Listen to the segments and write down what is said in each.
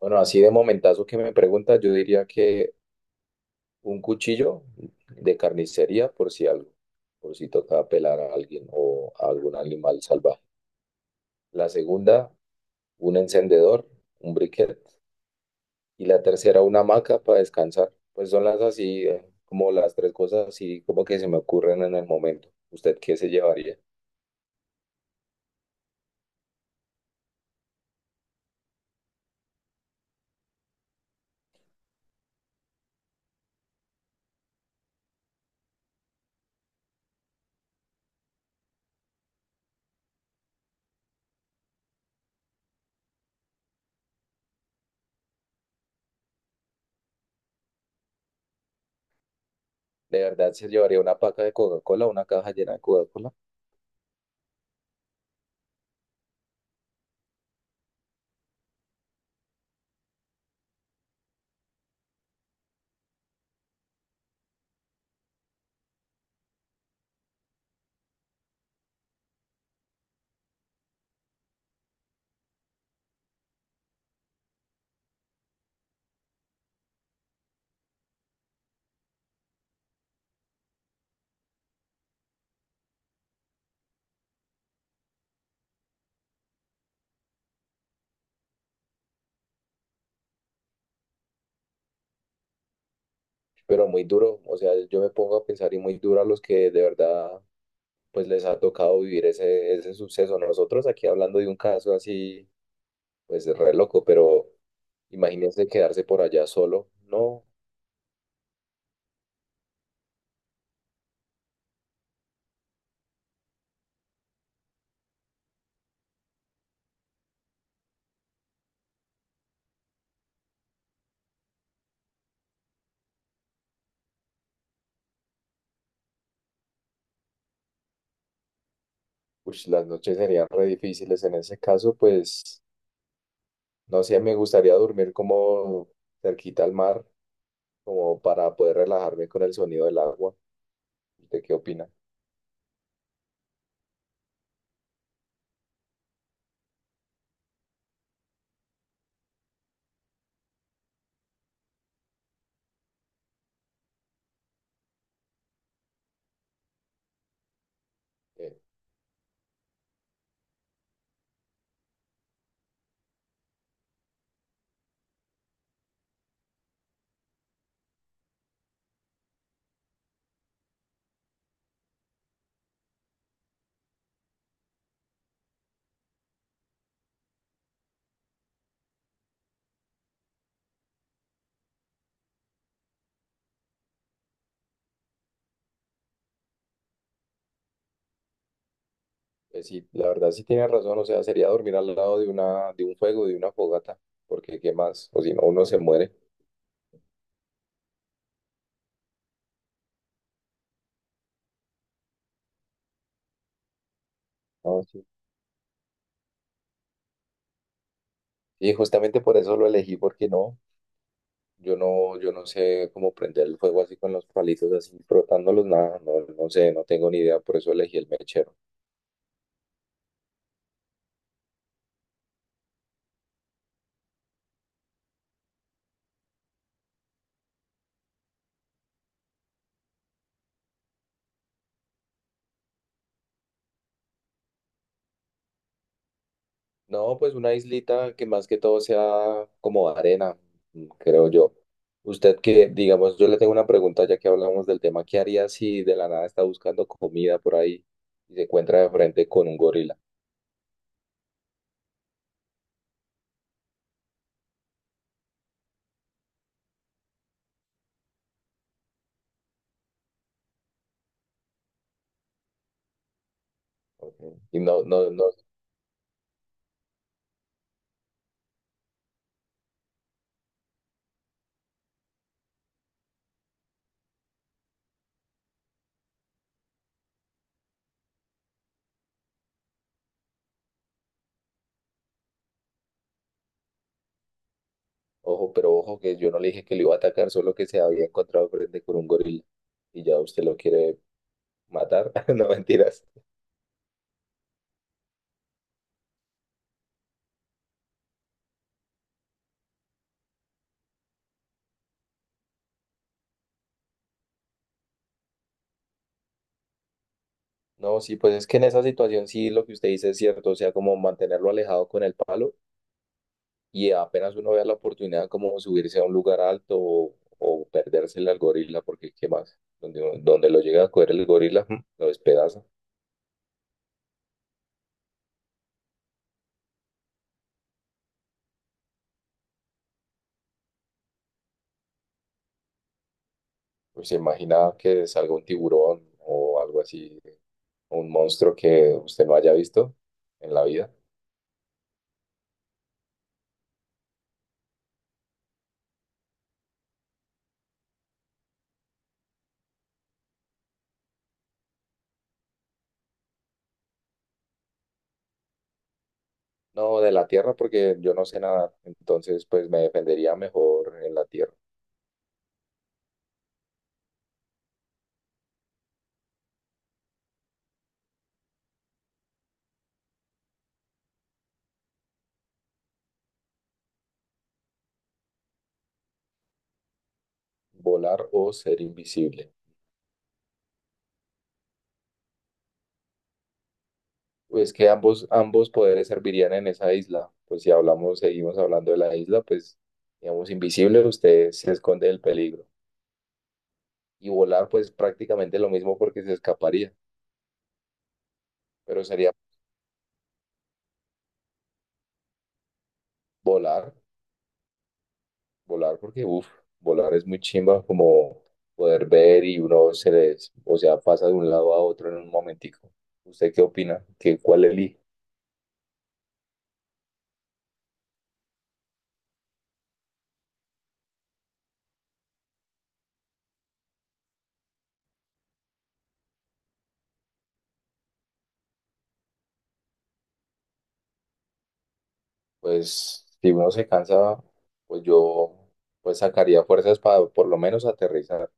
Bueno, así de momentazo que me preguntas, yo diría que un cuchillo de carnicería por si algo, por si toca pelar a alguien o a algún animal salvaje. La segunda, un encendedor, un briquet. Y la tercera, una hamaca para descansar. Pues son las así, como las tres cosas así como que se me ocurren en el momento. ¿Usted qué se llevaría? De verdad se llevaría una paca de Coca-Cola, una caja llena de Coca-Cola, pero muy duro. O sea, yo me pongo a pensar y muy duro a los que de verdad pues les ha tocado vivir ese suceso. Nosotros aquí hablando de un caso así, pues re loco, pero imagínense quedarse por allá solo. No, ush, las noches serían re difíciles en ese caso, pues no sé, me gustaría dormir como cerquita al mar, como para poder relajarme con el sonido del agua. ¿Usted qué opina? Eh, sí, la verdad sí tiene razón, o sea, sería dormir al lado de de un fuego, de una fogata, porque qué más, o si no, uno se muere. No, sí. Y justamente por eso lo elegí, porque no. Yo no sé cómo prender el fuego así con los palitos así frotándolos, nada, no, no sé, no tengo ni idea, por eso elegí el mechero. No, pues una islita que más que todo sea como arena, creo yo. Usted que, digamos, yo le tengo una pregunta ya que hablamos del tema, ¿qué haría si de la nada está buscando comida por ahí y se encuentra de frente con un gorila? Ok. Y no, no, no, ojo, pero ojo que yo no le dije que le iba a atacar, solo que se había encontrado de frente con un gorila y ya usted lo quiere matar, no mentiras. No, sí, pues es que en esa situación sí lo que usted dice es cierto, o sea, como mantenerlo alejado con el palo y apenas uno vea la oportunidad como subirse a un lugar alto o perdérsele al gorila, porque qué más, donde lo llega a coger el gorila, lo despedaza. Pues se imagina que salga un tiburón o algo así, un monstruo que usted no haya visto en la vida. No, de la tierra porque yo no sé nadar entonces pues me defendería mejor en la tierra, volar o ser invisible. Pues que ambos poderes servirían en esa isla. Pues si hablamos, seguimos hablando de la isla, pues digamos invisible, usted se esconde del peligro. Y volar, pues prácticamente lo mismo porque se escaparía. Pero sería volar, volar porque, uff, volar es muy chimba como poder ver y uno se les, o sea, pasa de un lado a otro en un momentico. ¿Usted qué opina? ¿Qué, cuál elige? Pues si uno se cansa, pues yo pues sacaría fuerzas para por lo menos aterrizar.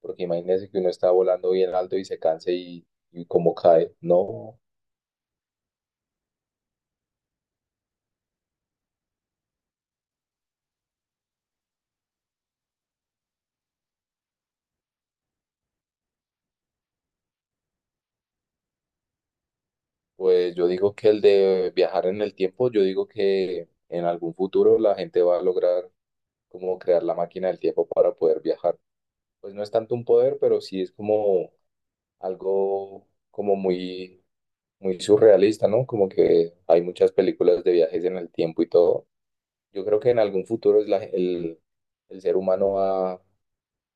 Porque imagínese que uno está volando bien alto y se canse y cómo cae. No, pues yo digo que el de viajar en el tiempo, yo digo que en algún futuro la gente va a lograr como crear la máquina del tiempo para poder viajar. Pues no es tanto un poder, pero sí es como algo como muy, muy surrealista, ¿no? Como que hay muchas películas de viajes en el tiempo y todo. Yo creo que en algún futuro es el ser humano va,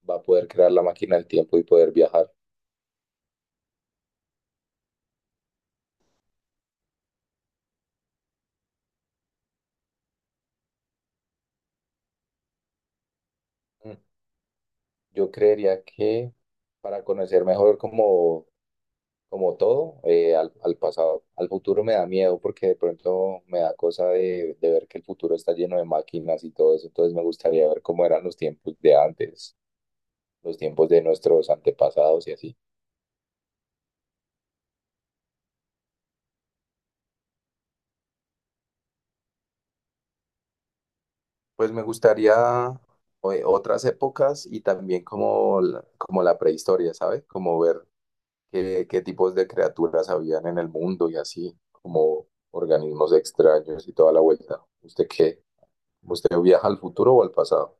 va a poder crear la máquina del tiempo y poder viajar. Mm. Yo creería que para conocer mejor como todo, al pasado, al futuro me da miedo porque de pronto me da cosa de ver que el futuro está lleno de máquinas y todo eso, entonces me gustaría ver cómo eran los tiempos de antes, los tiempos de nuestros antepasados y así. Pues me gustaría otras épocas y también como la prehistoria, ¿sabes? Como ver qué tipos de criaturas habían en el mundo y así, como organismos extraños y toda la vuelta. ¿Usted qué? ¿Usted viaja al futuro o al pasado?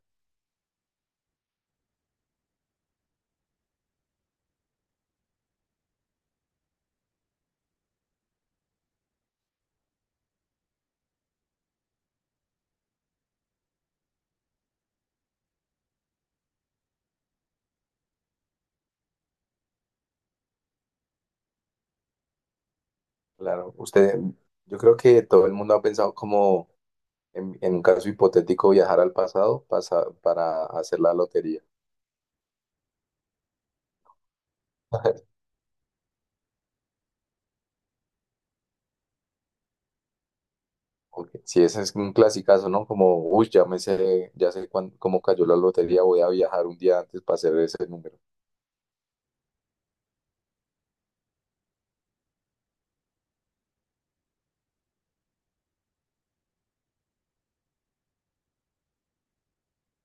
Claro, usted, yo creo que todo el mundo ha pensado como en un caso hipotético viajar al pasado para hacer la lotería. Ok, sí, ese es un clasicazo, ¿no? Como, uy, ya me sé, ya sé cómo cayó la lotería, voy a viajar un día antes para hacer ese número.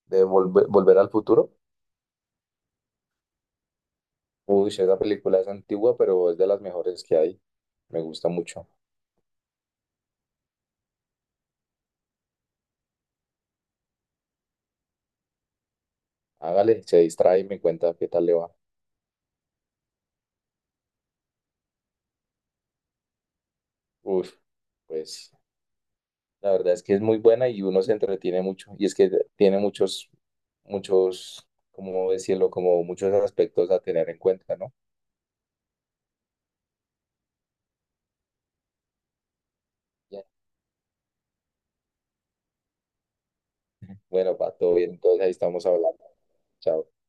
De volver al futuro. Uy, sí, esa película es antigua, pero es de las mejores que hay. Me gusta mucho. Hágale, se distrae y me cuenta qué tal le va. Uf, pues la verdad es que es muy buena y uno se entretiene mucho. Y es que tiene muchos, muchos, ¿cómo decirlo? Como muchos aspectos a tener en cuenta, ¿no? Ya. Bueno, va todo bien, entonces ahí estamos hablando. Chao.